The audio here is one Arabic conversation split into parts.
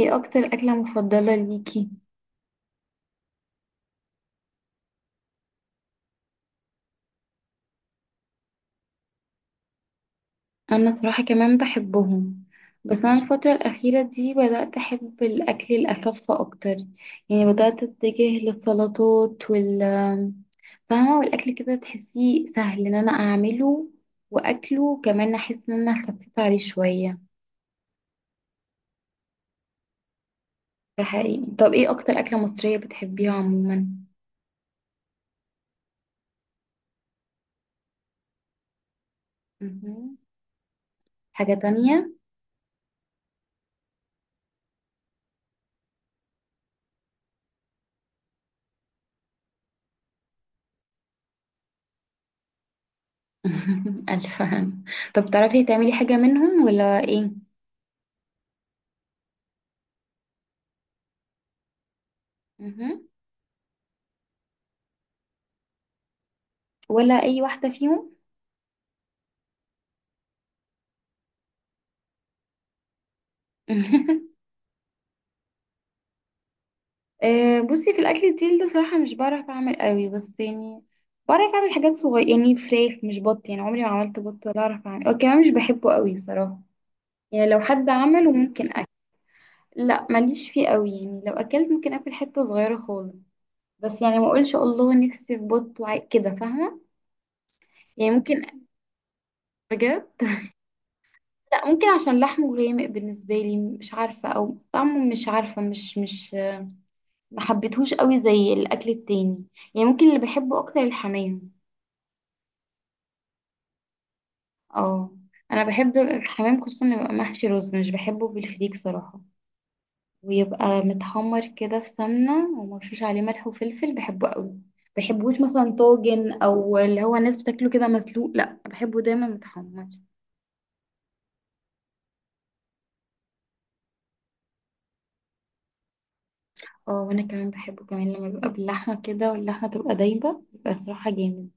ايه اكتر اكلة مفضلة ليكي؟ انا صراحة كمان بحبهم. بس انا الفترة الاخيرة دي بدأت احب الاكل الاخف اكتر. يعني بدأت اتجه للسلطات وال، فاهمة، والاكل كده تحسيه سهل ان انا اعمله. واكله كمان احس ان انا خسيت عليه شوية. ده حقيقي. طب ايه اكتر اكلة مصرية بتحبيها عموما؟ مهم. حاجة تانية؟ الفهم. طب تعرفي تعملي حاجة منهم ولا ايه؟ مهم. ولا اي واحده فيهم؟ بصي، في الاكل التقيل ده صراحه مش بعرف اعمل قوي، بس يعني بعرف اعمل حاجات صغيره، يعني فراخ مش بط، يعني عمري ما عملت بط ولا اعرف اعمل، وكمان مش بحبه قوي صراحه. يعني لو حد عمله ممكن اكل. لا ماليش فيه قوي، يعني لو اكلت ممكن اكل حته صغيره خالص. بس يعني ما اقولش الله نفسي في بط كده فاهمه. يعني ممكن. بجد. لا ممكن عشان لحمه غامق بالنسبه لي، مش عارفه، او طعمه، مش عارفه، مش ما حبيتهوش قوي زي الاكل التاني. يعني ممكن اللي بحبه اكتر الحمام. اه انا بحب الحمام، خصوصا لما يبقى محشي رز، مش بحبه بالفريك صراحه، ويبقى متحمر كده في سمنه ومرشوش عليه ملح وفلفل، بحبه قوي. بحبوش مثلا طاجن، او اللي هو الناس بتاكله كده مسلوق، لا بحبه دايما متحمر. اه وانا كمان بحبه، كمان لما بيبقى باللحمه كده واللحمه تبقى دايبه، بيبقى صراحه جامد.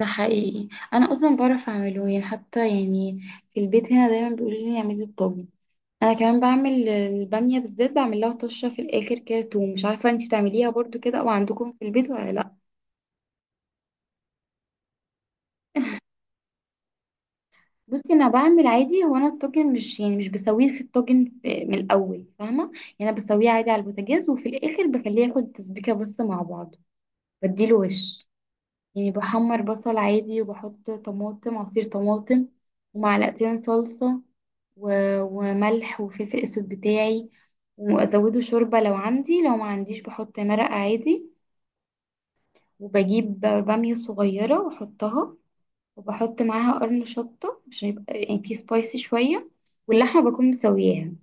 ده حقيقي، انا اصلا بعرف اعمله يعني، حتى يعني في البيت هنا دايما بيقولوا لي اعملي الطاجن. انا كمان بعمل الباميه، بالذات بعمل لها طشه في الاخر كده توم. مش عارفه انتي بتعمليها برضو كده او عندكم في البيت ولا لا؟ بصي انا بعمل عادي، هو انا الطاجن مش يعني مش بسويه في الطاجن من الاول، فاهمه. يعني انا بسويه عادي على البوتاجاز، وفي الاخر بخليه ياخد تسبيكه بس مع بعضه. بديله وش. يعني بحمر بصل عادي، وبحط طماطم، عصير طماطم، ومعلقتين صلصه، و... وملح وفلفل اسود بتاعي، وازوده شوربه لو عندي، لو ما عنديش بحط مرقه عادي، وبجيب بامية صغيرة واحطها، وبحط معاها قرن شطة عشان يبقى يعني في سبايسي شوية. واللحمة بكون مسوياها.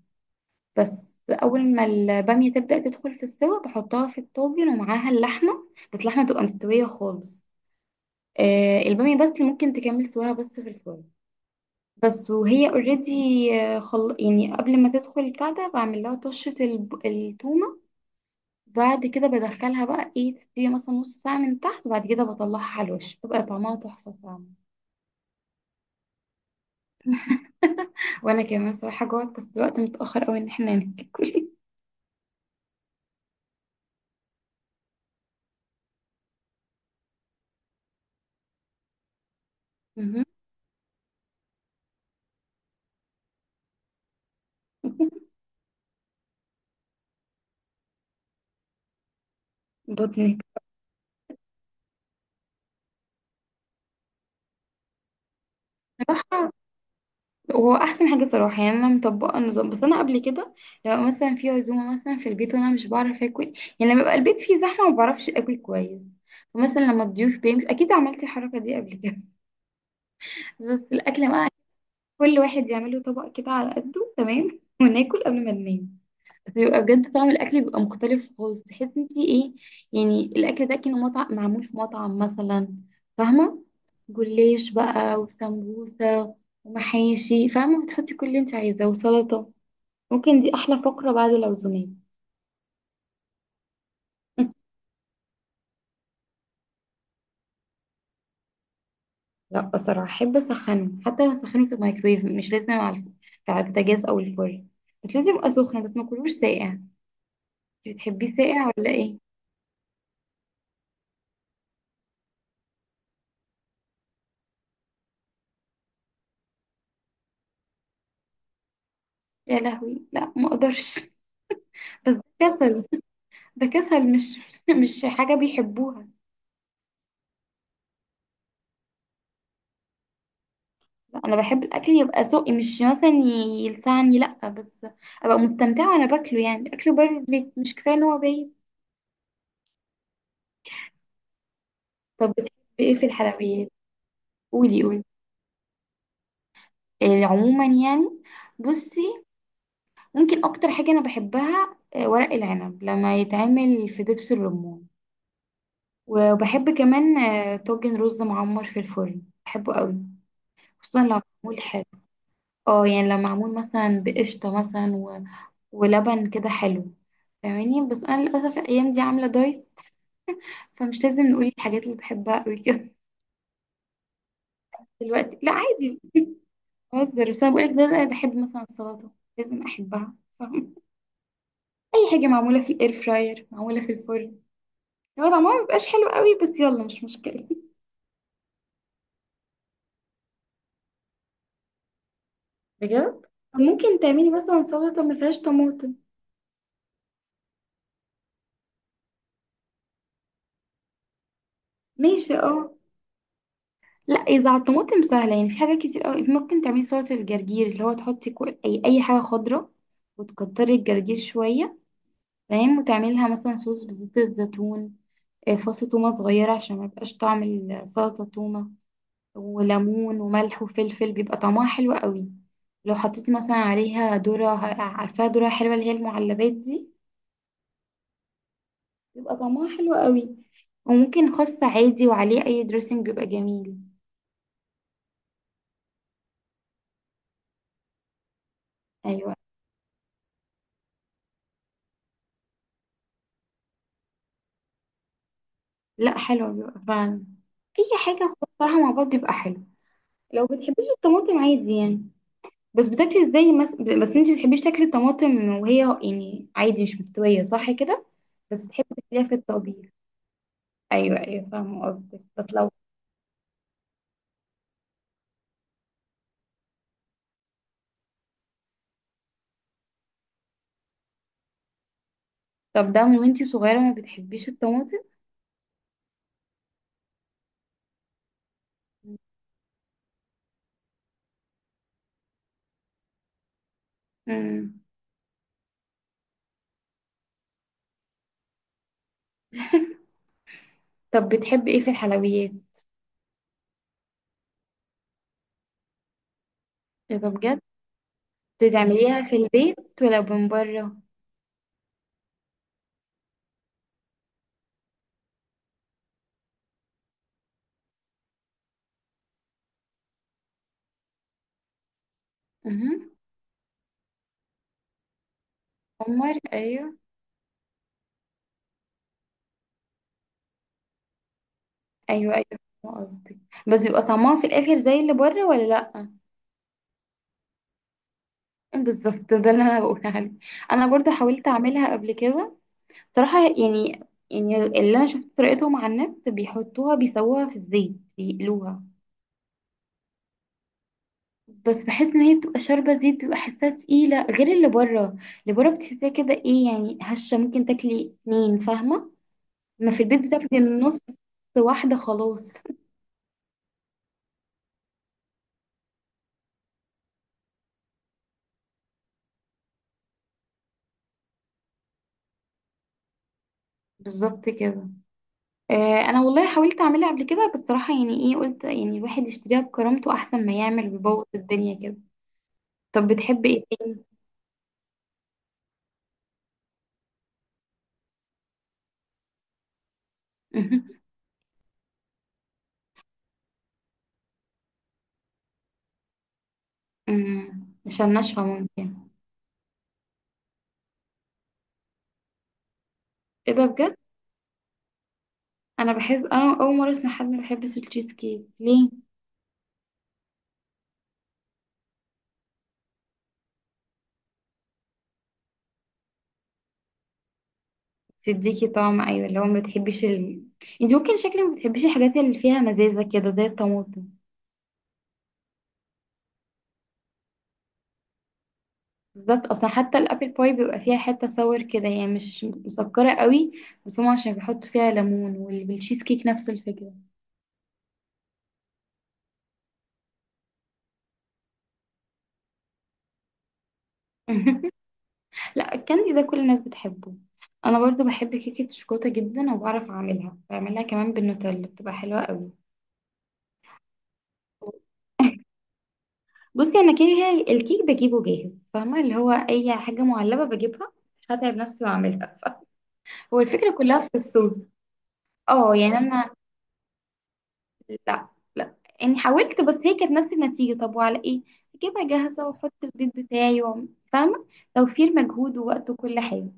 بس أول ما البامية تبدأ تدخل في السوا بحطها في الطاجن ومعاها اللحمة، بس اللحمة تبقى مستوية خالص. آه البامية بس اللي ممكن تكمل سواها بس في الفرن. بس وهي اوريدي، يعني قبل ما تدخل البتاع ده بعمل لها طشة التومة. بعد كده بدخلها بقى، ايه، تستوي مثلا نص ساعة من تحت، وبعد كده بطلعها على الوش، بتبقى طعمها تحفة فعلا. وانا كمان صراحة جوعت، بس الوقت متأخر قوي ان احنا ناكل. مهم. بطنك صراحة هو احسن حاجة صراحة. يعني انا مطبقة النظام، بس انا قبل كده لو مثلا في عزومة مثلا في البيت وانا مش بعرف اكل، يعني لما بيبقى البيت فيه زحمة ما بعرفش اكل كويس، ومثلا لما الضيوف بيمشوا اكيد عملت الحركة دي قبل كده. بس الاكل بقى كل واحد يعمله طبق كده على قده تمام، وناكل قبل ما ننام. بس بيبقى بجد طعم الاكل بيبقى مختلف خالص، تحس انت ايه، يعني الاكل ده كان مطعم، معمول في مطعم مثلا، فاهمه. جلاش بقى وسمبوسه ومحاشي، فاهمه بتحطي كل اللي انت عايزاه وسلطه. ممكن دي احلى فقره بعد العزومات. لا بصراحه احب اسخنه، حتى لو اسخنه في الميكرويف، مش لازم على البوتاجاز او الفرن، بس لازم يبقى سخن، بس ما كلوش ساقع. انت بتحبيه ساقع ولا ايه؟ يا لهوي لا ما اقدرش. بس ده كسل، ده كسل مش مش حاجة بيحبوها. لا، انا بحب الاكل يبقى ذوقي، مش مثلا يلسعني، لا، بس ابقى مستمتعة وانا باكله. يعني اكله بارد ليه؟ مش كفاية ان هو بايت. طب بتحبي ايه في الحلويات؟ قولي قولي. إيه عموما يعني؟ بصي، ممكن اكتر حاجة انا بحبها ورق العنب لما يتعمل في دبس الرمان. وبحب كمان طاجن رز معمر في الفرن، بحبه قوي، خصوصا لو معمول حلو. اه يعني لو معمول مثلا بقشطة مثلا ولبن كده حلو، فاهماني. بس انا للاسف الايام دي عامله دايت، فمش لازم نقول الحاجات اللي بحبها قوي كده. دلوقتي لا عادي، بهزر. بس انا بقولك ده انا بحب مثلا السلطه، لازم احبها، فاهم. اي حاجه معموله في الاير فراير، معموله في الفرن، هو طعمها مبيبقاش حلو قوي، بس يلا مش مشكله. بجد؟ طب ممكن تعملي مثلا سلطه ما فيهاش طماطم. ماشي اه. لا اذا على الطماطم سهله، يعني في حاجات كتير قوي ممكن تعملي. سلطه الجرجير، اللي هو تحطي اي حاجه خضراء، وتكتري الجرجير شويه، تمام، وتعملي لها مثلا صوص بزيت الزيتون، فص تومه صغيره عشان ما يبقاش طعم السلطه تومه، وليمون وملح وفلفل، بيبقى طعمها حلو قوي. لو حطيتي مثلا عليها ذره، عارفاها ذره حلوه، اللي هي المعلبات دي، بيبقى طعمها حلو قوي. وممكن خس عادي وعليه اي دريسنج، بيبقى جميل. ايوه، لا حلو بيبقى فعلا، اي حاجه بصراحه مع بعض بيبقى حلو. لو بتحبيش الطماطم عادي يعني، بس بتاكلي ازاي بس انت بتحبيش تاكلي الطماطم وهي يعني عادي مش مستويه صح كده، بس بتحبي تاكليها في الطبيخ. ايوه ايوه فاهمه قصدك، بس لو. طب ده من وانتي صغيره ما بتحبيش الطماطم؟ امم. طب بتحبي ايه في الحلويات؟ ايه ده؟ بجد؟ بتعمليها في البيت ولا من بره؟ امم. عمر. ايوه. ايوه ايوه فاهمة قصدك، بس بيبقى طعمها في الاخر زي اللي بره ولا لا؟ بالظبط، ده اللي انا بقولها لك. انا برضو حاولت اعملها قبل كده صراحه يعني اللي انا شفت طريقتهم على النت بيحطوها، بيسووها في الزيت بيقلوها. بس بحس ان هي بتبقى شاربه زيت، بتبقى حاساها تقيله غير اللي بره. اللي بره بتحسيها كده ايه يعني، هشه، ممكن تاكلي اتنين فاهمه. ما في البيت بتاكلي النص، واحده خلاص. بالظبط كده. آه انا والله حاولت اعملها قبل كده، بس صراحه يعني ايه، قلت يعني الواحد يشتريها بكرامته احسن ما يعمل بيبوظ الدنيا كده. طب بتحب ايه تاني؟ مهم. مم. عشان ناشفة ممكن. ايه ده؟ بجد؟ انا بحس انا اول مرة اسمع حد ما بيحبش التشيز كيك، ليه؟ تديكي طعم ايوه، اللي هو ما بتحبيش ال... انت ممكن شكلك ما بتحبيش الحاجات اللي فيها مزازة كده زي الطماطم. بالظبط، اصلا حتى الابل باي بيبقى فيها حتة صور كده، هي يعني مش مسكرة قوي، بس هم عشان بيحطوا فيها ليمون، والتشيز كيك نفس الفكرة. لا الكاندي ده كل الناس بتحبه. انا برضو بحب كيكة الشوكولاتة جدا، وبعرف اعملها، بعملها كمان بالنوتيلا بتبقى حلوة قوي. بصي انا كده الكيك بجيبه جاهز، فاهمه اللي هو اي حاجه معلبه بجيبها، مش هتعب نفسي واعملها. هو الفكره كلها في الصوص. اه يعني انا لا لا يعني حاولت، بس هي كانت نفس النتيجه، طب وعلى ايه؟ اجيبها جاهزه واحط في البيت بتاعي فاهمه، توفير مجهود ووقت وكل حاجه.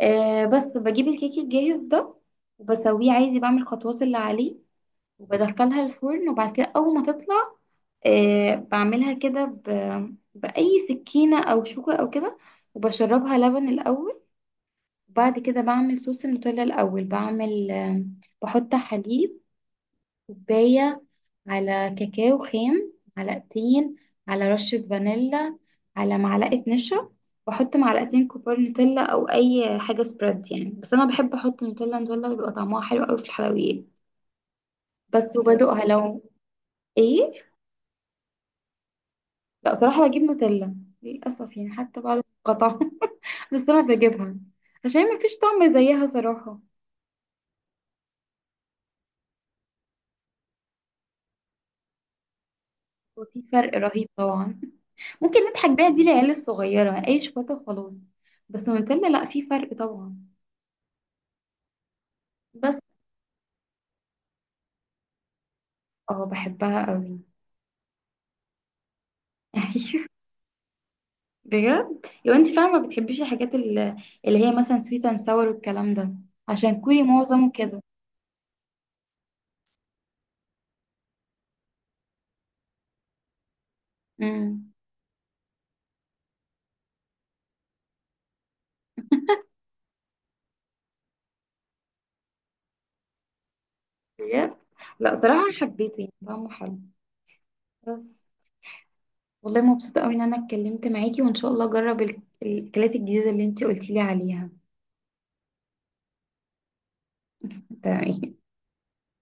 أه بس بجيب الكيك الجاهز ده وبسويه عادي، بعمل الخطوات اللي عليه وبدخلها الفرن. وبعد كده اول ما تطلع، آه بعملها كده بأي سكينة أو شوكة أو كده، وبشربها لبن الأول. وبعد كده بعمل صوص النوتيلا. الأول بعمل آه، بحط حليب، كوباية، على كاكاو خام معلقتين، على رشة فانيلا، على معلقة نشا، بحط معلقتين كبار نوتيلا أو أي حاجة سبريد يعني، بس أنا بحب أحط نوتيلا. نوتيلا بيبقى طعمها حلو أوي في الحلويات. بس وبدوقها لو. إيه؟ لا صراحة بجيب نوتيلا، للأسف يعني حتى بعد القطع. بس أنا بجيبها عشان مفيش طعم زيها صراحة. وفي فرق رهيب طبعا، ممكن نضحك بيها دي العيال الصغيرة أي شوكولاتة وخلاص، بس نوتيلا لا، في فرق طبعا. بس اه بحبها قوي. أيوه. بجد لو انت فاهمة ما بتحبيش الحاجات اللي هي مثلا سويت اند ساور والكلام ده، عشان كوري معظمه كده. امم. بجد؟ لا صراحة حبيته، يعني طعمه حلو. بس والله مبسوطة قوي ان انا اتكلمت معاكي، وان شاء الله اجرب الاكلات الجديدة اللي انتي قلتي لي عليها. تمام.